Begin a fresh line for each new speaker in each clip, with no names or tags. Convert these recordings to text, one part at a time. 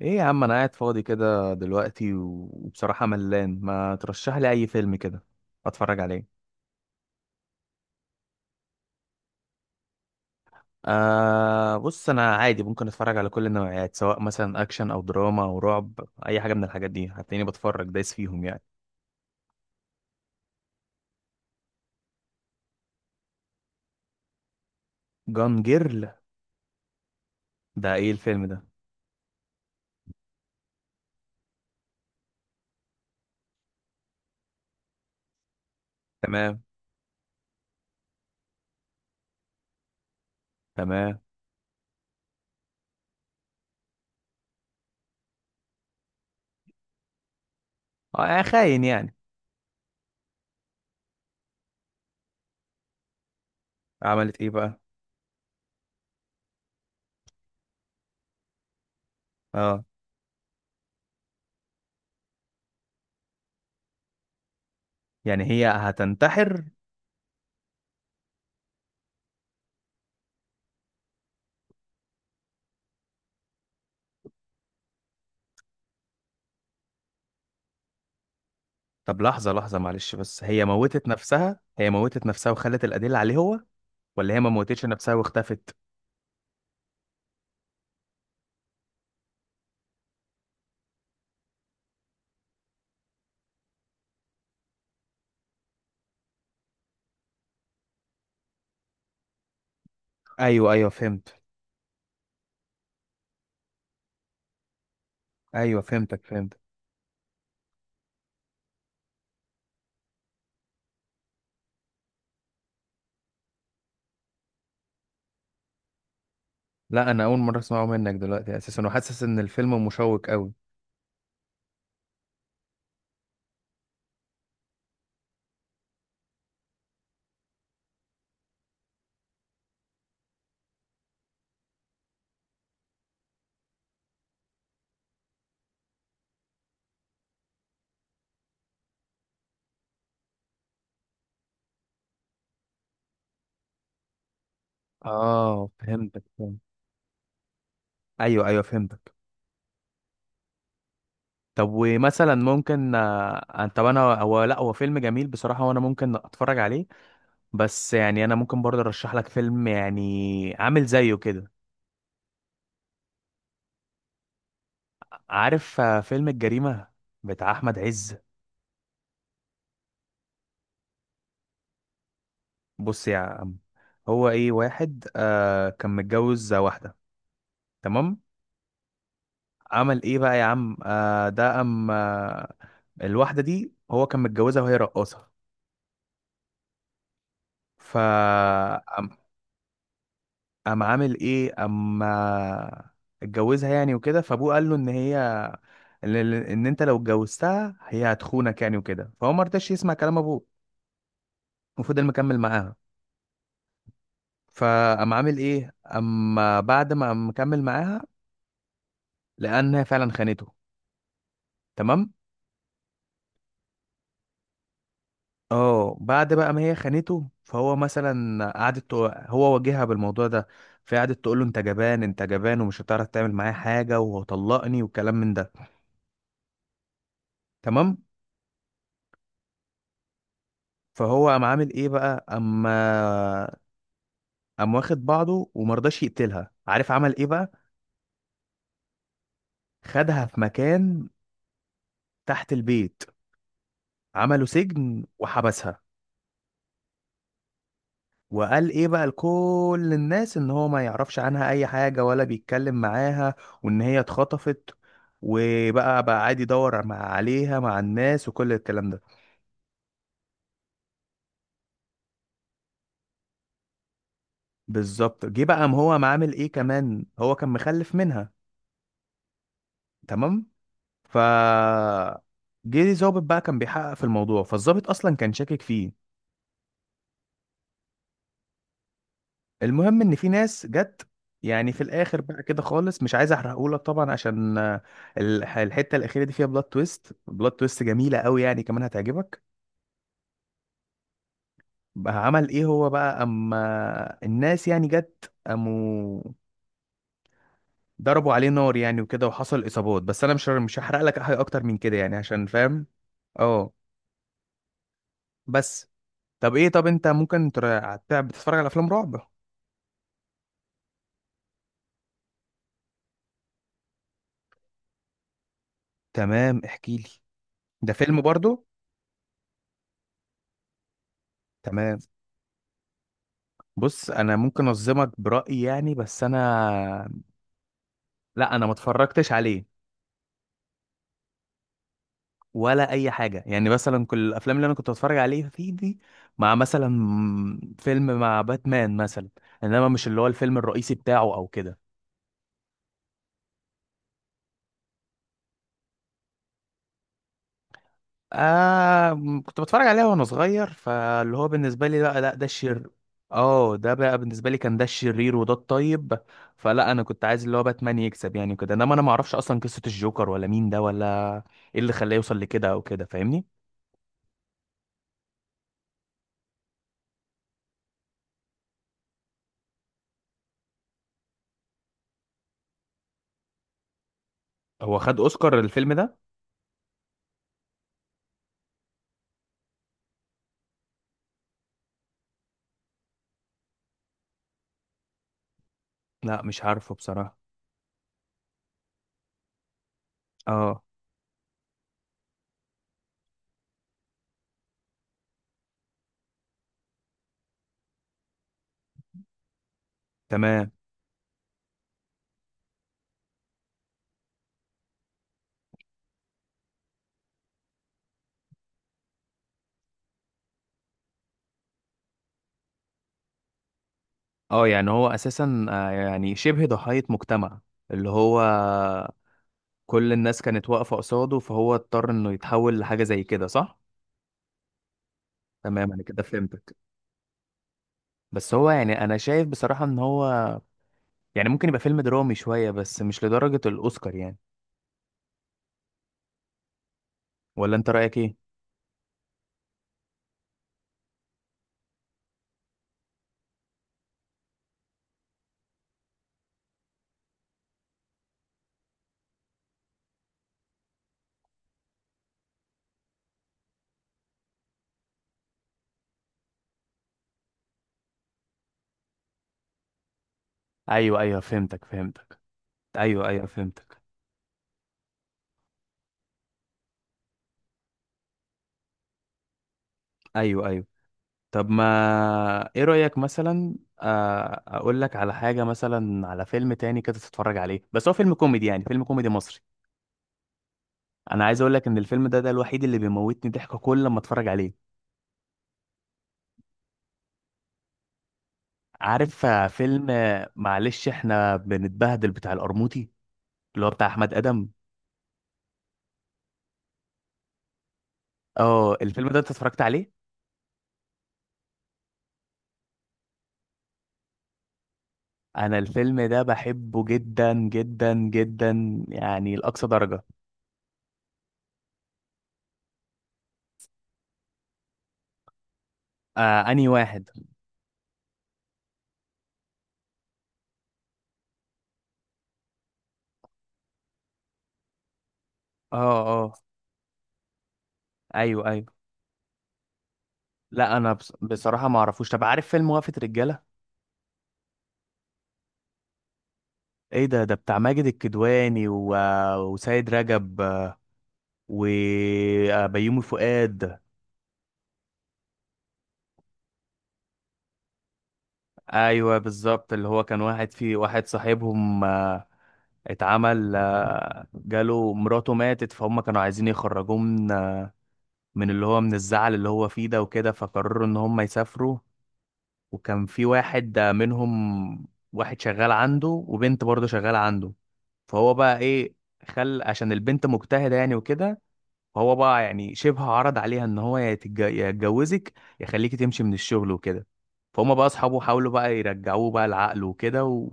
ايه يا عم، انا قاعد فاضي كده دلوقتي و- وبصراحة ملان. ما ترشح لي اي فيلم كده اتفرج عليه. بص، انا عادي ممكن اتفرج على كل النوعيات، سواء مثلا اكشن او دراما او رعب. اي حاجة من الحاجات دي هتلاقيني بتفرج دايس فيهم يعني. جان جيرل؟ ده ايه الفيلم ده؟ تمام، تمام. اه، خاين يعني. عملت ايه بقى؟ اه، يعني هي هتنتحر. طب لحظة لحظة، معلش، بس هي موتت نفسها؟ هي موتت نفسها وخلت الأدلة عليه هو، ولا هي ما موتتش نفسها واختفت؟ ايوه ايوه فهمت. ايوه فهمتك فهمت. لا انا اول مره اسمعه منك دلوقتي اساسا، وحاسس ان الفيلم مشوق قوي. اه فهمتك فهمت. ايوه ايوه فهمتك. طب ومثلا ممكن طب انا، هو لا هو فيلم جميل بصراحه وانا ممكن اتفرج عليه. بس يعني انا ممكن برضه ارشح لك فيلم يعني عامل زيه كده. عارف فيلم الجريمه بتاع احمد عز؟ بص يا عم، هو ايه، واحد كان متجوز واحده، تمام؟ عمل ايه بقى يا عم، آه ده ام آه الواحده دي هو كان متجوزها وهي رقاصه. ف ام أم عامل ايه اما اتجوزها يعني وكده، فابوه قال له ان هي، ان إن انت لو اتجوزتها هي هتخونك يعني وكده، فهو ما رضاش يسمع كلام ابوه وفضل مكمل معاها. فقام عامل ايه اما بعد ما قام مكمل معاها، لانها فعلا خانته، تمام؟ اه بعد بقى ما هي خانته، فهو مثلا هو واجهها بالموضوع ده، فقعدت تقول له انت جبان انت جبان ومش هتعرف تعمل معايا حاجه وطلقني والكلام من ده، تمام؟ فهو قام عامل ايه بقى اما قام واخد بعضه، ومرضاش يقتلها. عارف عمل ايه بقى؟ خدها في مكان تحت البيت، عملوا سجن وحبسها. وقال ايه بقى لكل الناس ان هو ما يعرفش عنها اي حاجة ولا بيتكلم معاها، وان هي اتخطفت. وبقى بقى عادي يدور مع عليها مع الناس وكل الكلام ده. بالظبط. جه بقى قام هو قام عامل ايه كمان، هو كان مخلف منها تمام. ف جه ظابط بقى كان بيحقق في الموضوع، فالظابط اصلا كان شاكك فيه. المهم ان في ناس جت، يعني في الاخر بقى كده خالص مش عايز احرقهولك طبعا عشان الحته الاخيره دي فيها بلوت تويست، بلوت تويست جميله قوي يعني كمان هتعجبك. بقى عمل ايه هو بقى اما الناس يعني جت قاموا ضربوا عليه نار يعني وكده، وحصل اصابات. بس انا مش هحرق لك حاجه اكتر من كده يعني، عشان فاهم. اه بس. طب ايه، طب انت ممكن بتتفرج على افلام رعب؟ تمام احكي لي، ده فيلم برضو؟ تمام. بص انا ممكن انظمك برايي يعني، بس انا، لا انا ما اتفرجتش عليه ولا اي حاجه يعني. مثلا كل الافلام اللي انا كنت بتفرج عليها فيه دي مع مثلا فيلم مع باتمان مثلا، انما مش اللي هو الفيلم الرئيسي بتاعه او كده. كنت بتفرج عليها وانا صغير، فاللي هو بالنسبه لي لا لا ده الشر. اه ده بقى بالنسبه لي كان ده الشرير وده الطيب، فلا انا كنت عايز اللي هو باتمان يكسب يعني كده. انما انا ما اعرفش اصلا قصه الجوكر ولا مين ده ولا ايه اللي خلاه يوصل لكده او كده، فاهمني؟ هو خد اوسكار الفيلم ده؟ لا مش عارفه بصراحة. اه تمام. اه يعني هو اساسا يعني شبه ضحية مجتمع، اللي هو كل الناس كانت واقفة قصاده فهو اضطر انه يتحول لحاجة زي كده، صح؟ تمام انا كده فهمتك، بس هو يعني انا شايف بصراحة ان هو يعني ممكن يبقى فيلم درامي شوية بس مش لدرجة الاوسكار يعني. ولا انت رأيك ايه؟ ايوه ايوه فهمتك فهمتك. ايوه ايوه فهمتك. ايوه ايوه. طب ما ايه رأيك مثلا، اقول لك على حاجة مثلا، على فيلم تاني كده تتفرج عليه بس هو فيلم كوميدي يعني، فيلم كوميدي مصري. انا عايز اقول لك ان الفيلم ده، ده الوحيد اللي بيموتني ضحك كل ما اتفرج عليه. عارف فيلم معلش، احنا بنتبهدل بتاع القرموطي، اللي هو بتاع احمد ادم؟ اه الفيلم ده انت اتفرجت عليه؟ انا الفيلم ده بحبه جدا جدا جدا يعني لأقصى درجة. آه انهي واحد؟ اه اه. ايوه ايوه. لا انا بصراحه ما اعرفوش. طب عارف فيلم وقفه رجاله؟ ايه ده، ده بتاع ماجد الكدواني و... وسيد رجب وبيومي فؤاد. ايوه بالظبط، اللي هو كان واحد في واحد صاحبهم اتعمل، جاله مراته ماتت، فهم كانوا عايزين يخرجوه من، من اللي هو من الزعل اللي هو فيه ده وكده، فقرروا ان هم يسافروا. وكان في واحد منهم واحد شغال عنده، وبنت برضه شغالة عنده، فهو بقى ايه، خل عشان البنت مجتهده يعني وكده، فهو بقى يعني شبه عرض عليها ان هو، يا يتجوزك يا يخليكي تمشي من الشغل وكده. فهم بقى اصحابه حاولوا بقى يرجعوه بقى العقل وكده و...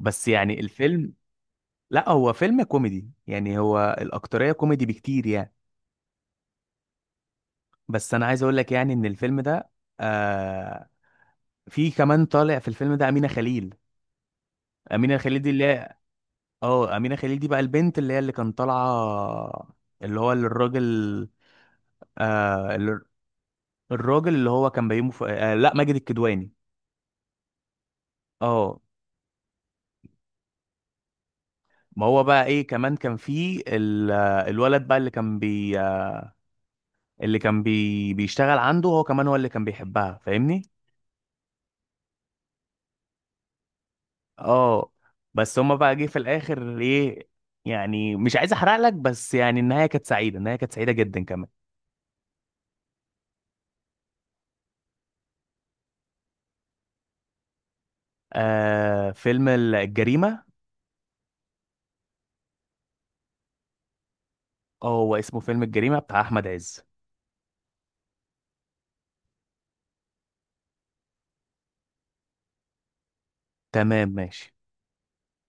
بس يعني الفيلم، لا هو فيلم كوميدي يعني، هو الاكتريه كوميدي بكتير يعني. بس انا عايز اقول لك يعني ان الفيلم ده، آه في كمان طالع في الفيلم ده امينه خليل. امينه خليل دي اللي هي، اه امينه خليل دي بقى البنت اللي هي اللي كان طالعه اللي هو الراجل، آه ال- الراجل اللي هو كان بيومه في... آه لا ماجد الكدواني. اه. ما هو بقى ايه كمان كان في الولد بقى اللي كان بيشتغل عنده هو كمان، هو اللي كان بيحبها، فاهمني؟ اه بس هما بقى جه في الاخر ايه، يعني مش عايز احرق لك، بس يعني النهايه كانت سعيده، النهايه كانت سعيده جدا كمان. آه فيلم الجريمه. اه هو اسمه فيلم الجريمه بتاع احمد عز. تمام ماشي.